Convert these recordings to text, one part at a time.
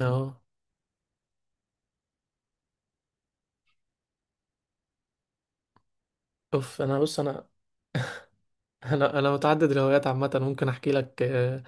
اه شوف انا. بص انا، انا متعدد الهوايات عامه. ممكن احكي لك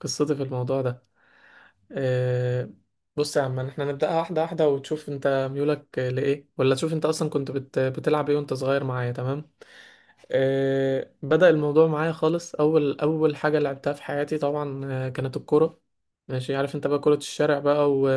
قصتي في الموضوع ده. آه، بص يا عم احنا نبداها واحده واحده وتشوف انت ميولك لايه، ولا تشوف انت اصلا كنت بتلعب ايه وانت صغير معايا. تمام. بدأ الموضوع معايا خالص. أول حاجة لعبتها في حياتي طبعا كانت الكورة. ماشي، عارف أنت بقى كرة الشارع بقى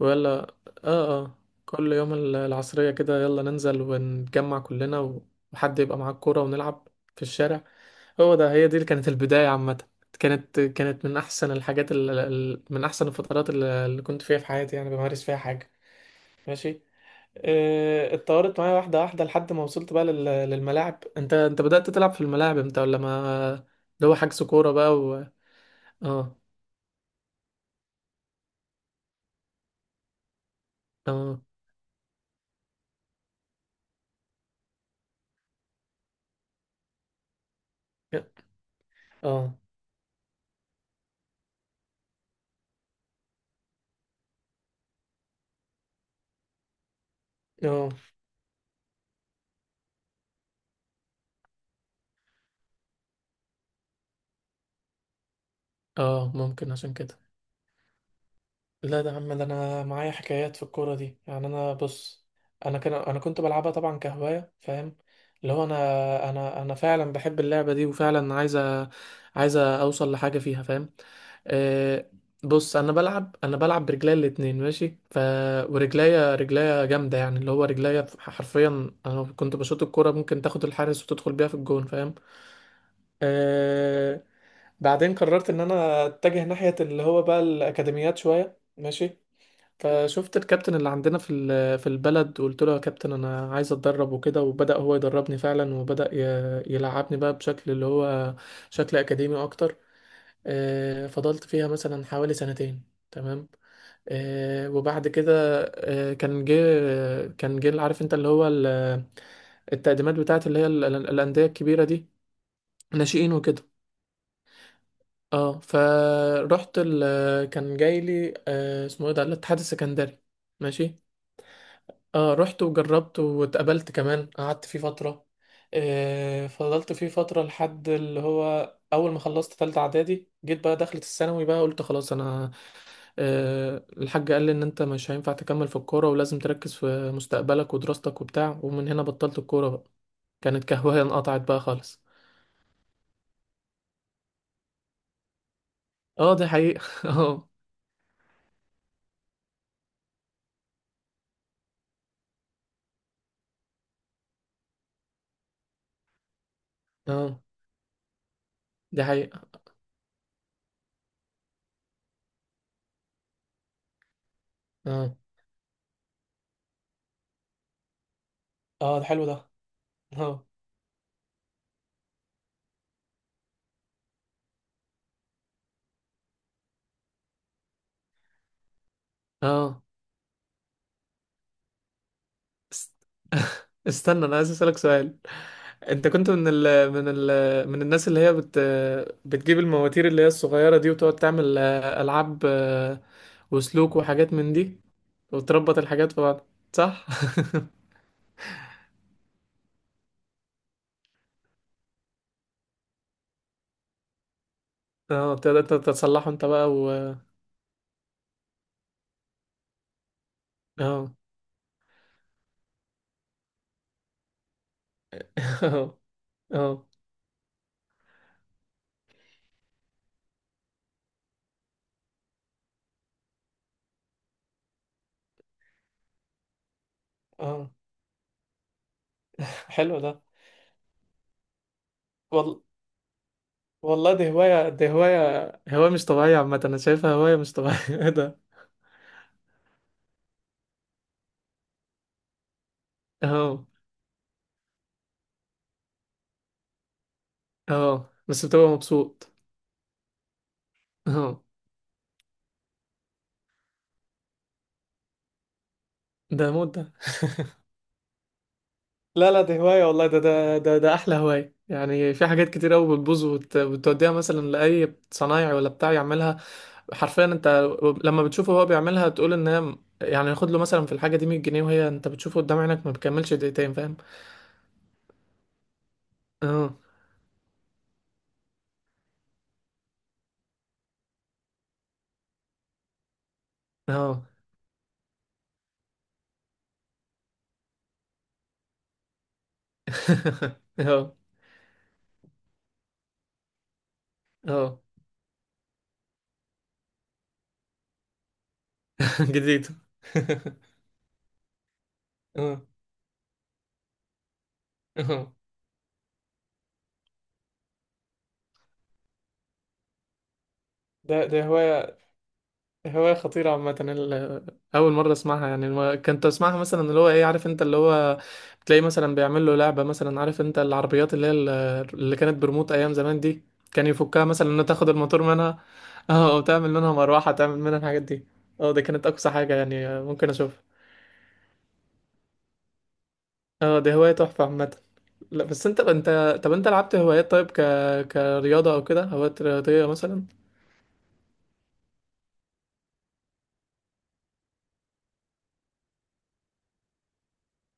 ويلا. آه. كل يوم العصرية كده يلا ننزل ونتجمع كلنا وحد يبقى معاه الكورة ونلعب في الشارع. هو ده هي دي اللي كانت البداية عامة. كانت من أحسن من أحسن الفترات اللي كنت فيها في حياتي يعني بمارس فيها حاجة. ماشي. اتطورت معايا واحدة واحدة لحد ما وصلت بقى للملاعب. انت بدأت تلعب في الملاعب امتى، ولا ما اللي هو حجز كورة بقى اه. اه. اه. اه. اه ممكن عشان كده. لا ده يا عم، ده انا معايا حكايات في الكوره دي. يعني انا بص، انا كنت بلعبها طبعا كهوايه، فاهم، اللي هو انا فعلا بحب اللعبه دي وفعلا عايزه اوصل لحاجه فيها، فاهم. آه. بص، انا بلعب برجليا الاتنين ماشي. ف ورجليا جامده يعني، اللي هو رجليا حرفيا. انا كنت بشوط الكوره ممكن تاخد الحارس وتدخل بيها في الجون، فاهم. آه. بعدين قررت ان انا اتجه ناحيه اللي هو بقى الاكاديميات شويه. ماشي. فشفت الكابتن اللي عندنا في البلد وقلت له يا كابتن انا عايز اتدرب وكده، وبدأ هو يدربني فعلا، وبدأ يلعبني بقى بشكل اللي هو شكل اكاديمي اكتر. فضلت فيها مثلا حوالي سنتين. تمام. وبعد كده آه، كان جه كان جه عارف انت اللي هو التقديمات بتاعت اللي هي الأندية الكبيرة دي. ناشئين وكده. اه فرحت كان جاي لي اسمه ايه ده، الاتحاد السكندري. ماشي. اه رحت وجربت واتقابلت كمان، قعدت فيه فترة. آه فضلت فيه فترة لحد اللي هو أول ما خلصت تالتة إعدادي جيت بقى دخلت الثانوي بقى قلت خلاص أنا. آه الحاج قال لي إن أنت مش هينفع تكمل في الكورة، ولازم تركز في مستقبلك ودراستك وبتاع، ومن هنا بطلت الكورة بقى. كانت كهواية انقطعت بقى خالص. اه دي حقيقة. اه. اه دي حقيقة. اه. اه ده حلو ده. اه. اه است- استنى، انا عايز اسالك سؤال. انت كنت من ال من ال من الناس اللي هي بتجيب المواتير اللي هي الصغيره دي، وتقعد تعمل العاب وسلوك وحاجات من دي، وتربط الحاجات في بعض. صح. اه، تقدر انت تتصلحه انت بقى و... اه. اه. اه. اه حلو ده. وال... والله دي هوايه، دي هوايه، هوايه مش طبيعيه عامه. انا شايفها هوايه مش طبيعيه. ايه ده. اه. اه بس بتبقى مبسوط. اه، ده موت ده. لا لا دي هواية والله. ده أحلى هواية يعني. في حاجات كتير أوي بتبوظ وتوديها مثلا لأي صنايعي ولا بتاع يعملها. حرفيا أنت لما بتشوفه هو بيعملها تقول إن هي، يعني ياخد له مثلا في الحاجة دي 100 جنيه، وهي أنت بتشوفه قدام عينك ما بيكملش دقيقتين، فاهم. اه. اه. اه. اه. جديد. اه. اه ده هواية، هواية خطيرة عامة. أول مرة أسمعها يعني. كنت أسمعها مثلا اللي هو إيه، عارف أنت اللي هو بتلاقي مثلا بيعمل له لعبة مثلا. عارف أنت العربيات اللي هي اللي كانت بريموت أيام زمان دي، كان يفكها مثلا إن تاخد الموتور منها أه، أو تعمل منها مروحة، تعمل منها الحاجات دي. أه دي كانت أقصى حاجة يعني ممكن أشوفها. أه دي هواية تحفة عامة. لا بس أنت طب أنت لعبت هوايات طيب، ك كرياضة أو كده هوايات رياضية مثلا.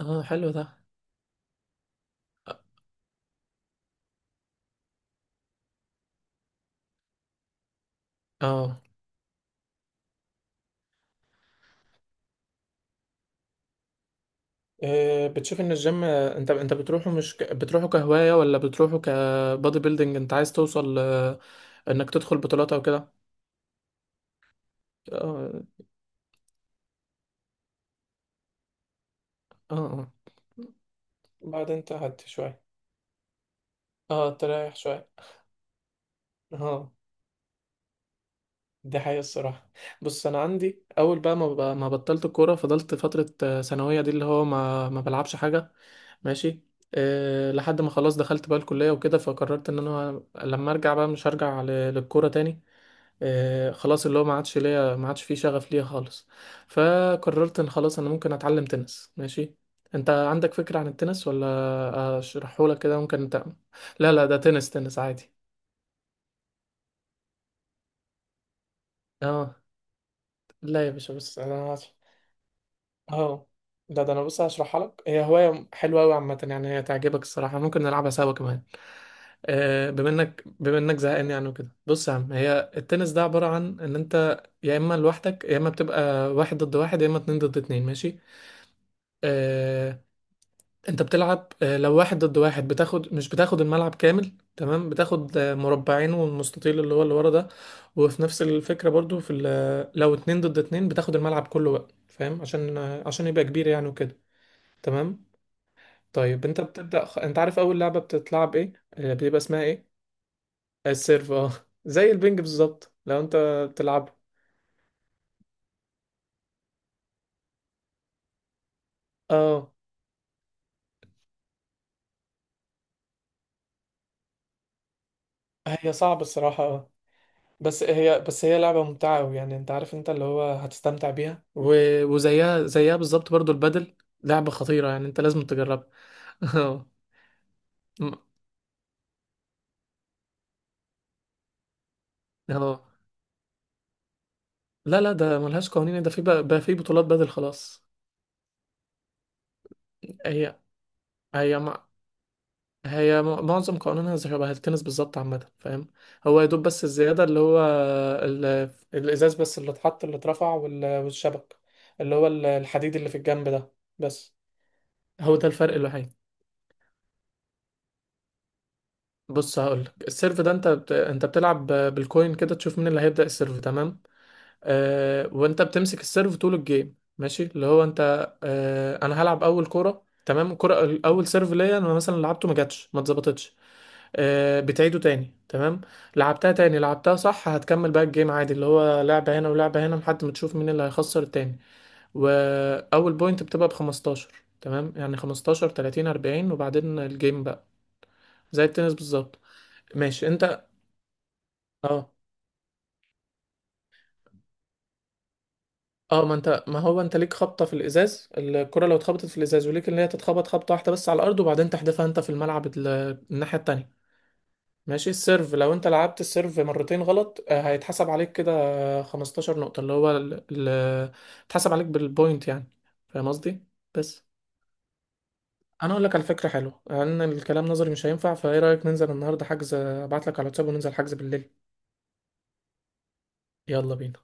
أه حلو ده. أه بتشوف ان الجيم انت بتروحه مش ك... بتروحه كهواية ولا بتروحه كبادي بيلدينج، انت عايز توصل انك تدخل بطولات او كده. اه. اه بعدين تهدي شوية. اه تريح شوية. اه دي حقيقة الصراحة. بص انا عندي اول بقى ما بطلت الكورة فضلت فترة ثانوية دي اللي هو ما بلعبش حاجة. ماشي. أه لحد ما خلاص دخلت بقى الكلية وكده، فقررت ان انا لما ارجع بقى مش هرجع للكورة تاني. خلاص اللي هو ما عادش فيه شغف ليا خالص. فقررت ان خلاص انا ممكن اتعلم تنس. ماشي. انت عندك فكرة عن التنس ولا اشرحه لك كده ممكن انت؟ لا لا ده تنس، عادي. اه. لا يا باشا بص انا هش- اه. ده ده انا بص هشرحها لك. هي هواية حلوة قوي عامة يعني، هي تعجبك الصراحة، ممكن نلعبها سوا كمان. بما انك زهقان يعني وكده. بص يا عم هي التنس ده عبارة عن ان انت يا اما لوحدك، يا اما بتبقى واحد ضد واحد، يا اما اتنين ضد اتنين. ماشي. آه، انت بتلعب لو واحد ضد واحد بتاخد مش بتاخد الملعب كامل، تمام، بتاخد مربعين والمستطيل اللي هو اللي ورا ده. وفي نفس الفكرة برضو لو اتنين ضد اتنين بتاخد الملعب كله بقى، فاهم، عشان عشان يبقى كبير يعني وكده. تمام. طيب انت انت عارف اول لعبة بتتلعب ايه، بيبقى اسمها ايه؟ السيرف. اه. زي البنج بالظبط لو انت بتلعب. اه، هي صعبة الصراحة اه. بس هي لعبة ممتعة أوي يعني. أنت عارف أنت اللي هو هتستمتع بيها و... وزيها بالظبط برضو البادل، لعبة خطيرة يعني، أنت لازم تجربها. اه. م- اه. لا لا ده ملهاش قوانين. ده في بقى, بقى في بطولات بادل خلاص. هي هي مع... هي معظم قوانينها زي شبه التنس بالظبط عامة، فاهم. هو يا دوب بس الزيادة اللي هو ال... الإزاز بس اللي اتحط اللي اترفع والشبك اللي هو الحديد اللي في الجنب ده بس. هو ده الفرق الوحيد. بص هقولك السيرف ده انت بتلعب بالكوين كده، تشوف مين اللي هيبدأ السيرف. تمام. وانت بتمسك السيرف طول الجيم. ماشي، اللي هو انت انا هلعب اول كرة تمام، كرة اول سيرف ليا انا مثلا لعبته ما جاتش ما اتظبطتش، بتعيده تاني. تمام. لعبتها تاني لعبتها صح، هتكمل بقى الجيم عادي، اللي هو لعبة هنا ولعبة هنا لحد ما تشوف مين اللي هيخسر التاني. واول بوينت بتبقى ب 15. تمام يعني 15 30 40 وبعدين الجيم بقى. زي التنس بالظبط. ماشي انت. اه. اه ما انت، ما هو انت ليك خبطه في الازاز. الكره لو اتخبطت في الازاز وليك، ان هي تتخبط خبطه واحده بس على الارض، وبعدين تحدفها انت في الملعب الناحيه التانية. ماشي. السيرف لو انت لعبت السيرف مرتين غلط هيتحسب عليك كده 15 نقطه، اللي هو اتحسب عليك بالبوينت يعني. فاهم قصدي. بس انا اقول لك على فكره حلوه، لان الكلام نظري مش هينفع. فايه رايك ننزل النهارده حجز، ابعت لك على الواتساب وننزل حجز بالليل. يلا بينا.